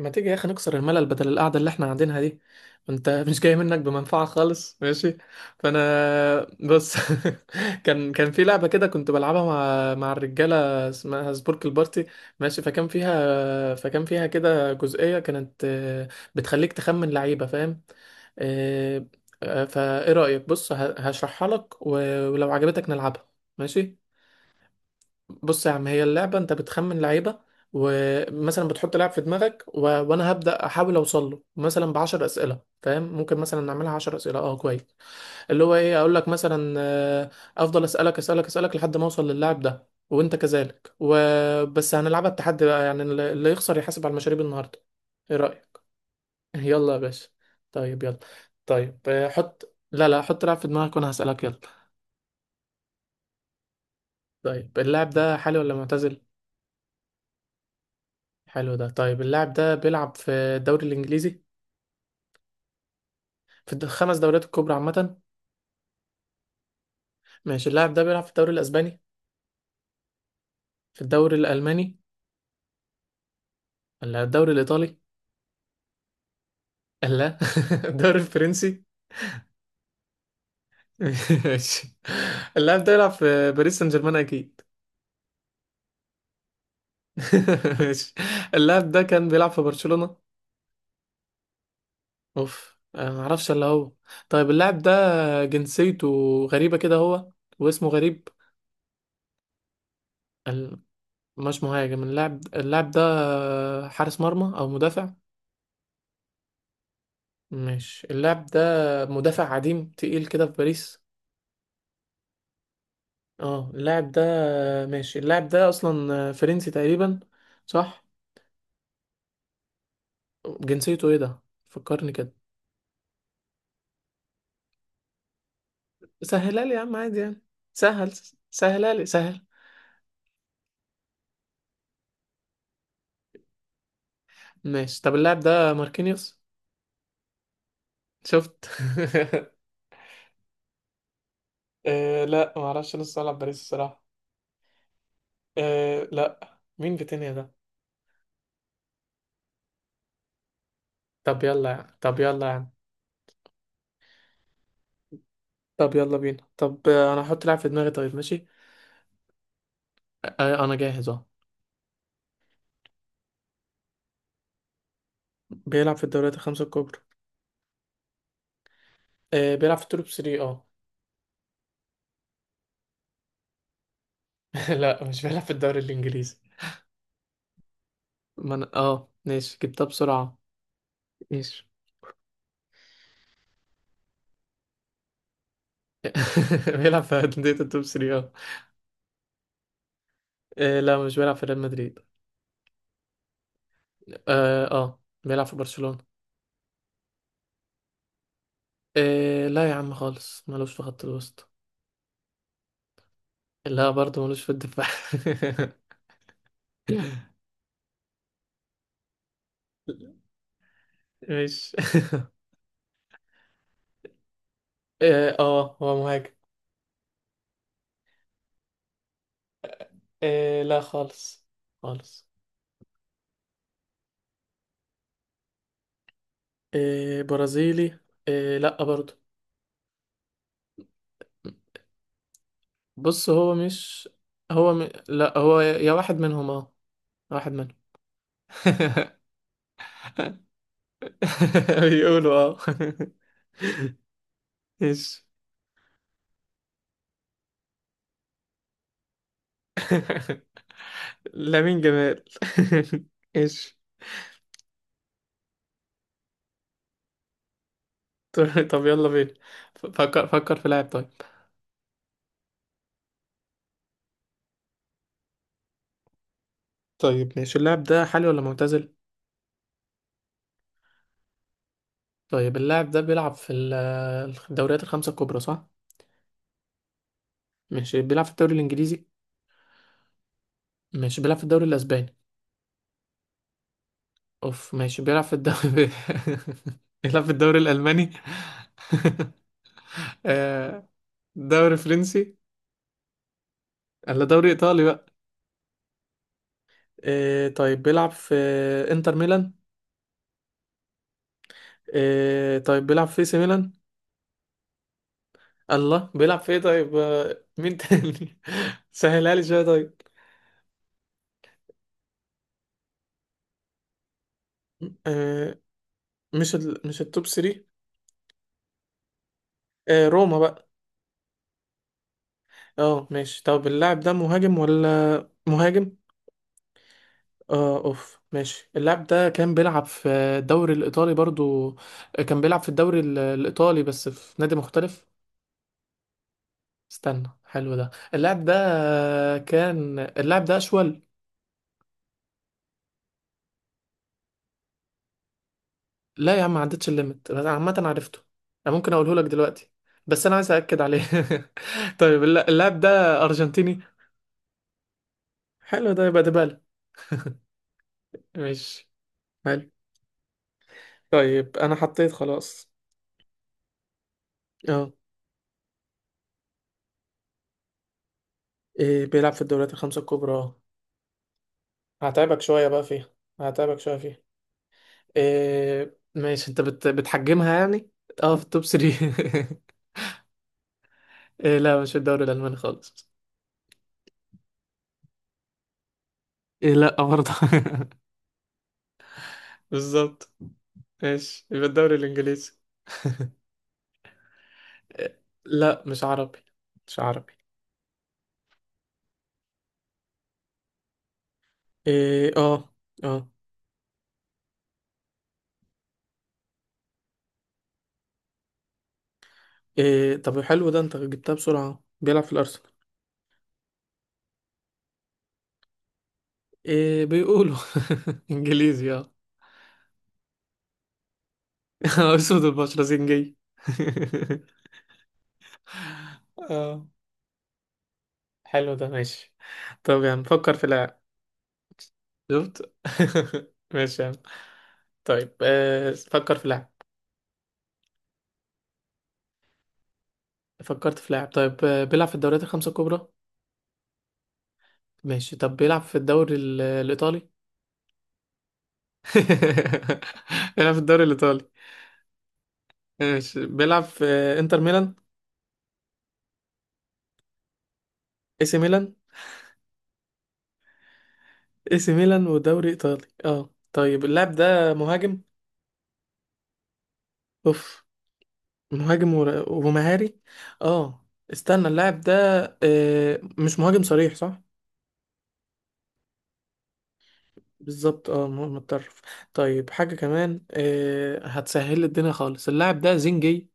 ما تيجي يا اخي نكسر الملل بدل القعده اللي احنا قاعدينها دي؟ انت مش جاي منك بمنفعه خالص، ماشي. فانا بص كان في لعبه كده كنت بلعبها مع الرجاله، اسمها سبورك البارتي. ماشي، فكان فيها كده جزئيه، كانت بتخليك تخمن لعيبه، فاهم؟ آه، فايه رايك؟ بص، هشرحها لك ولو عجبتك نلعبها. ماشي. بص يا عم، هي اللعبة، انت بتخمن لعيبة ومثلا بتحط لاعب في دماغك، وانا هبدأ احاول اوصل له مثلا ب 10 اسئلة، فاهم؟ ممكن مثلا نعملها 10 اسئلة، اه كويس. اللي هو ايه، اقول لك مثلا افضل اسألك لحد ما اوصل للاعب ده، وانت كذلك وبس. هنلعبها، التحدي بقى يعني اللي يخسر يحاسب على المشاريب النهاردة. ايه رأيك؟ يلا يا باشا. طيب يلا. طيب، حط لا لا حط لاعب في دماغك وانا هسألك، يلا. طيب، اللاعب ده حالي ولا معتزل؟ حلو ده. طيب اللاعب ده بيلعب في الدوري الانجليزي؟ في الخمس دوريات الكبرى عامة؟ ماشي، اللاعب ده بيلعب في الدوري الاسباني؟ في الدوري الالماني؟ ولا الدوري الايطالي؟ لا. الدوري الفرنسي. ماشي، اللاعب ده بيلعب في باريس سان جيرمان اكيد. ماشي. اللاعب ده كان بيلعب في برشلونة؟ اوف، انا ما اعرفش الا هو. طيب اللاعب ده جنسيته غريبة كده هو، واسمه غريب. ال- مش مهاجم اللاعب ده، حارس مرمى او مدافع؟ ماشي، اللاعب ده مدافع عديم تقيل كده في باريس. اه اللاعب ده. ماشي، اللاعب ده اصلا فرنسي تقريبا، صح؟ جنسيته ايه ده، فكرني كده. سهلها لي يا عم عادي يعني. سهل، سهلها لي سهل. ماشي، طب اللاعب ده ماركينيوس. شفت؟ آه لا، ما اعرفش نص ملعب باريس الصراحه. آه لا، مين فيتينيا ده؟ طب يلا يا عم، طب يلا يا عم. طب يلا بينا، طب انا هحط لاعب في دماغي، طيب ماشي. انا جاهز اهو. بيلعب في الدوريات الخمسه الكبرى. آه بيلعب في التوب 3، اه. لا مش بيلعب في الدوري الانجليزي. ما انا اه ماشي جبتها بسرعة. ماشي. بيلعب في أندية التوب 3، اه. لا مش بيلعب في ريال مدريد. اه اه بيلعب في برشلونة. آه لا يا عم خالص، ملوش في خط الوسط. لا برضه ملوش في الدفاع. مش اه، هو مهاجم. آه لا خالص، خالص. آه برازيلي. آه لا برضه. بص هو مش، هو لا، هو يا واحد منهم اه، واحد منهم. بيقولوا اه. ايش. لامين جمال. ايش. طب طب يلا بينا. فكر في لاعب طيب. طيب ماشي، اللاعب ده حالي ولا معتزل؟ طيب اللاعب ده بيلعب في الدوريات الخمسة الكبرى، صح؟ ماشي، بيلعب في الدوري الانجليزي؟ ماشي، بيلعب في الدوري الاسباني؟ اوف، ماشي، بيلعب في الدوري بيلعب في الدوري الالماني؟ آه، دوري فرنسي؟ ولا دوري ايطالي بقى؟ إيه، طيب بيلعب في انتر ميلان؟ إيه، طيب بيلعب في سي ميلان؟ الله، بيلعب في ايه طيب، مين تاني؟ سهلها لي شويه طيب. إيه، مش مش التوب 3. إيه، روما بقى؟ اه ماشي، طب اللاعب ده مهاجم ولا مهاجم؟ اه اوف، ماشي اللاعب ده كان بيلعب في الدوري الايطالي برضو، كان بيلعب في الدوري الايطالي بس في نادي مختلف. استنى، حلو ده، اللاعب ده، كان اللاعب ده اشول. لا يا عم ما عدتش الليمت، بس عامه عرفته. انا ممكن اقوله لك دلوقتي، بس انا عايز اكد عليه. طيب اللاعب ده ارجنتيني. حلو ده، يبقى ديبالا. ماشي. حلو. طيب انا حطيت خلاص. اه. إيه، بيلعب في الدوريات الخمسه الكبرى اه. هتعبك شويه بقى فيها، هتعبك شويه فيها. إيه ماشي، انت بتحجمها يعني. اه في التوب 3. إيه، لا مش في الدوري الالماني خالص. إيه لا برضه. بالظبط. ماشي، يبقى الدوري الانجليزي. إيه، لا مش عربي، مش عربي. ايه اه، اه. إيه، طب حلو ده، انت جبتها بسرعة. بيلعب في الارسنال. إيه بيقولوا. انجليزي اه. اسود البشرة زنجي. اه. حلو ده ماشي. طب يعني فكر في لاعب. شفت؟ ماشي يا عم. طيب آه فكر في لاعب. فكرت في لاعب طيب، آه بيلعب في الدوريات الخمسة الكبرى. ماشي، طب بيلعب في الدوري الإيطالي؟ بيلعب في الدوري الإيطالي. ماشي، بيلعب في إنتر ميلان؟ اي سي ميلان؟ اي سي ميلان ودوري إيطالي اه. طيب اللاعب ده مهاجم؟ اوف. مهاجم ومهاري اه. استنى، اللاعب ده، آه مش مهاجم صريح صح؟ بالظبط، اه مهاجم متطرف. طيب حاجة كمان آه، هتسهل لي الدنيا خالص، اللاعب ده زنجي.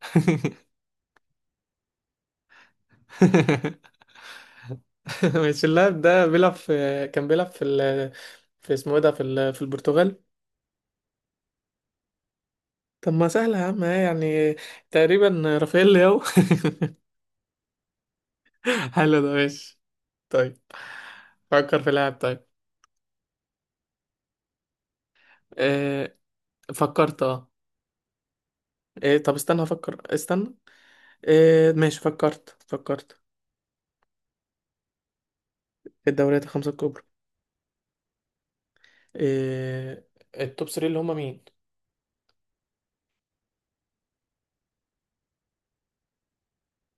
ماشي، اللاعب ده بيلعب في، كان بيلعب في في اسمه ايه ده في في البرتغال. طب ما سهلة يا عم ها يعني. تقريبا رافائيل لياو. حلو ده ماشي. طيب. فكر في لاعب طيب. إيه، فكرت اه. إيه طب استنى افكر، استنى. إيه ماشي، فكرت في الدوريات الخمسة الكبرى. إيه، التوب 3 اللي هما مين؟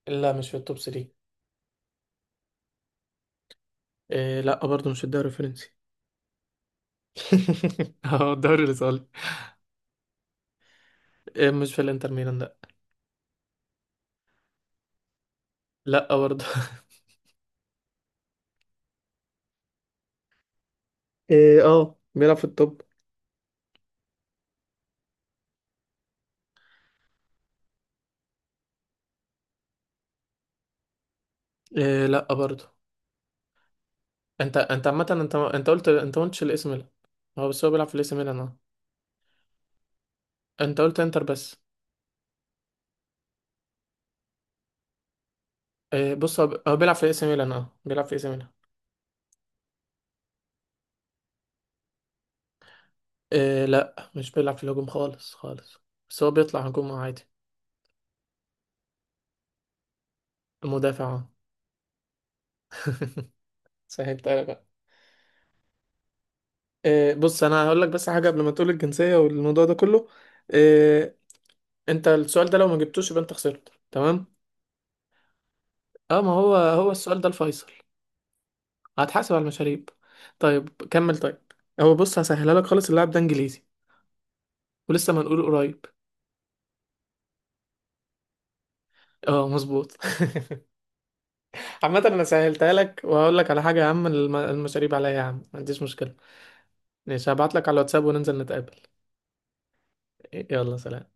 لا مش في التوب 3. إيه لا برضه مش في الدوري الفرنسي. اه الدوري الايطالي. إيه، مش في الانتر ميلان، لا. لا برضه. إيه اه، بيلعب في التوب. إيه لا برضه. انت عامه، انت قلت، انت ما قلتش الاس ميلان. هو بس هو بيلعب في الاس ميلان اه. انت قلت انتر بس. اه بص هو هو بيلعب في الاس ميلان، اه بيلعب في الاس ميلان. اه لا، مش بيلعب في الهجوم خالص، خالص. بس هو بيطلع هجوم عادي. مدافع اه. سهلت انا بقى. إيه بص، انا هقول لك بس حاجه قبل ما تقول الجنسيه والموضوع ده كله. إيه، انت السؤال ده لو ما جبتوش يبقى انت خسرت، تمام؟ اه ما هو هو السؤال ده الفيصل، هتحاسب على المشاريب. طيب كمل طيب. هو بص هسهلها لك خالص، اللاعب ده انجليزي، ولسه ما نقول قريب. اه مظبوط. عامة انا سهلتها لك، وهقول لك على حاجة يا عم، المشاريب عليا يا عم، ما عنديش مشكلة. ماشي، هبعت لك على الواتساب وننزل نتقابل. يلا سلام.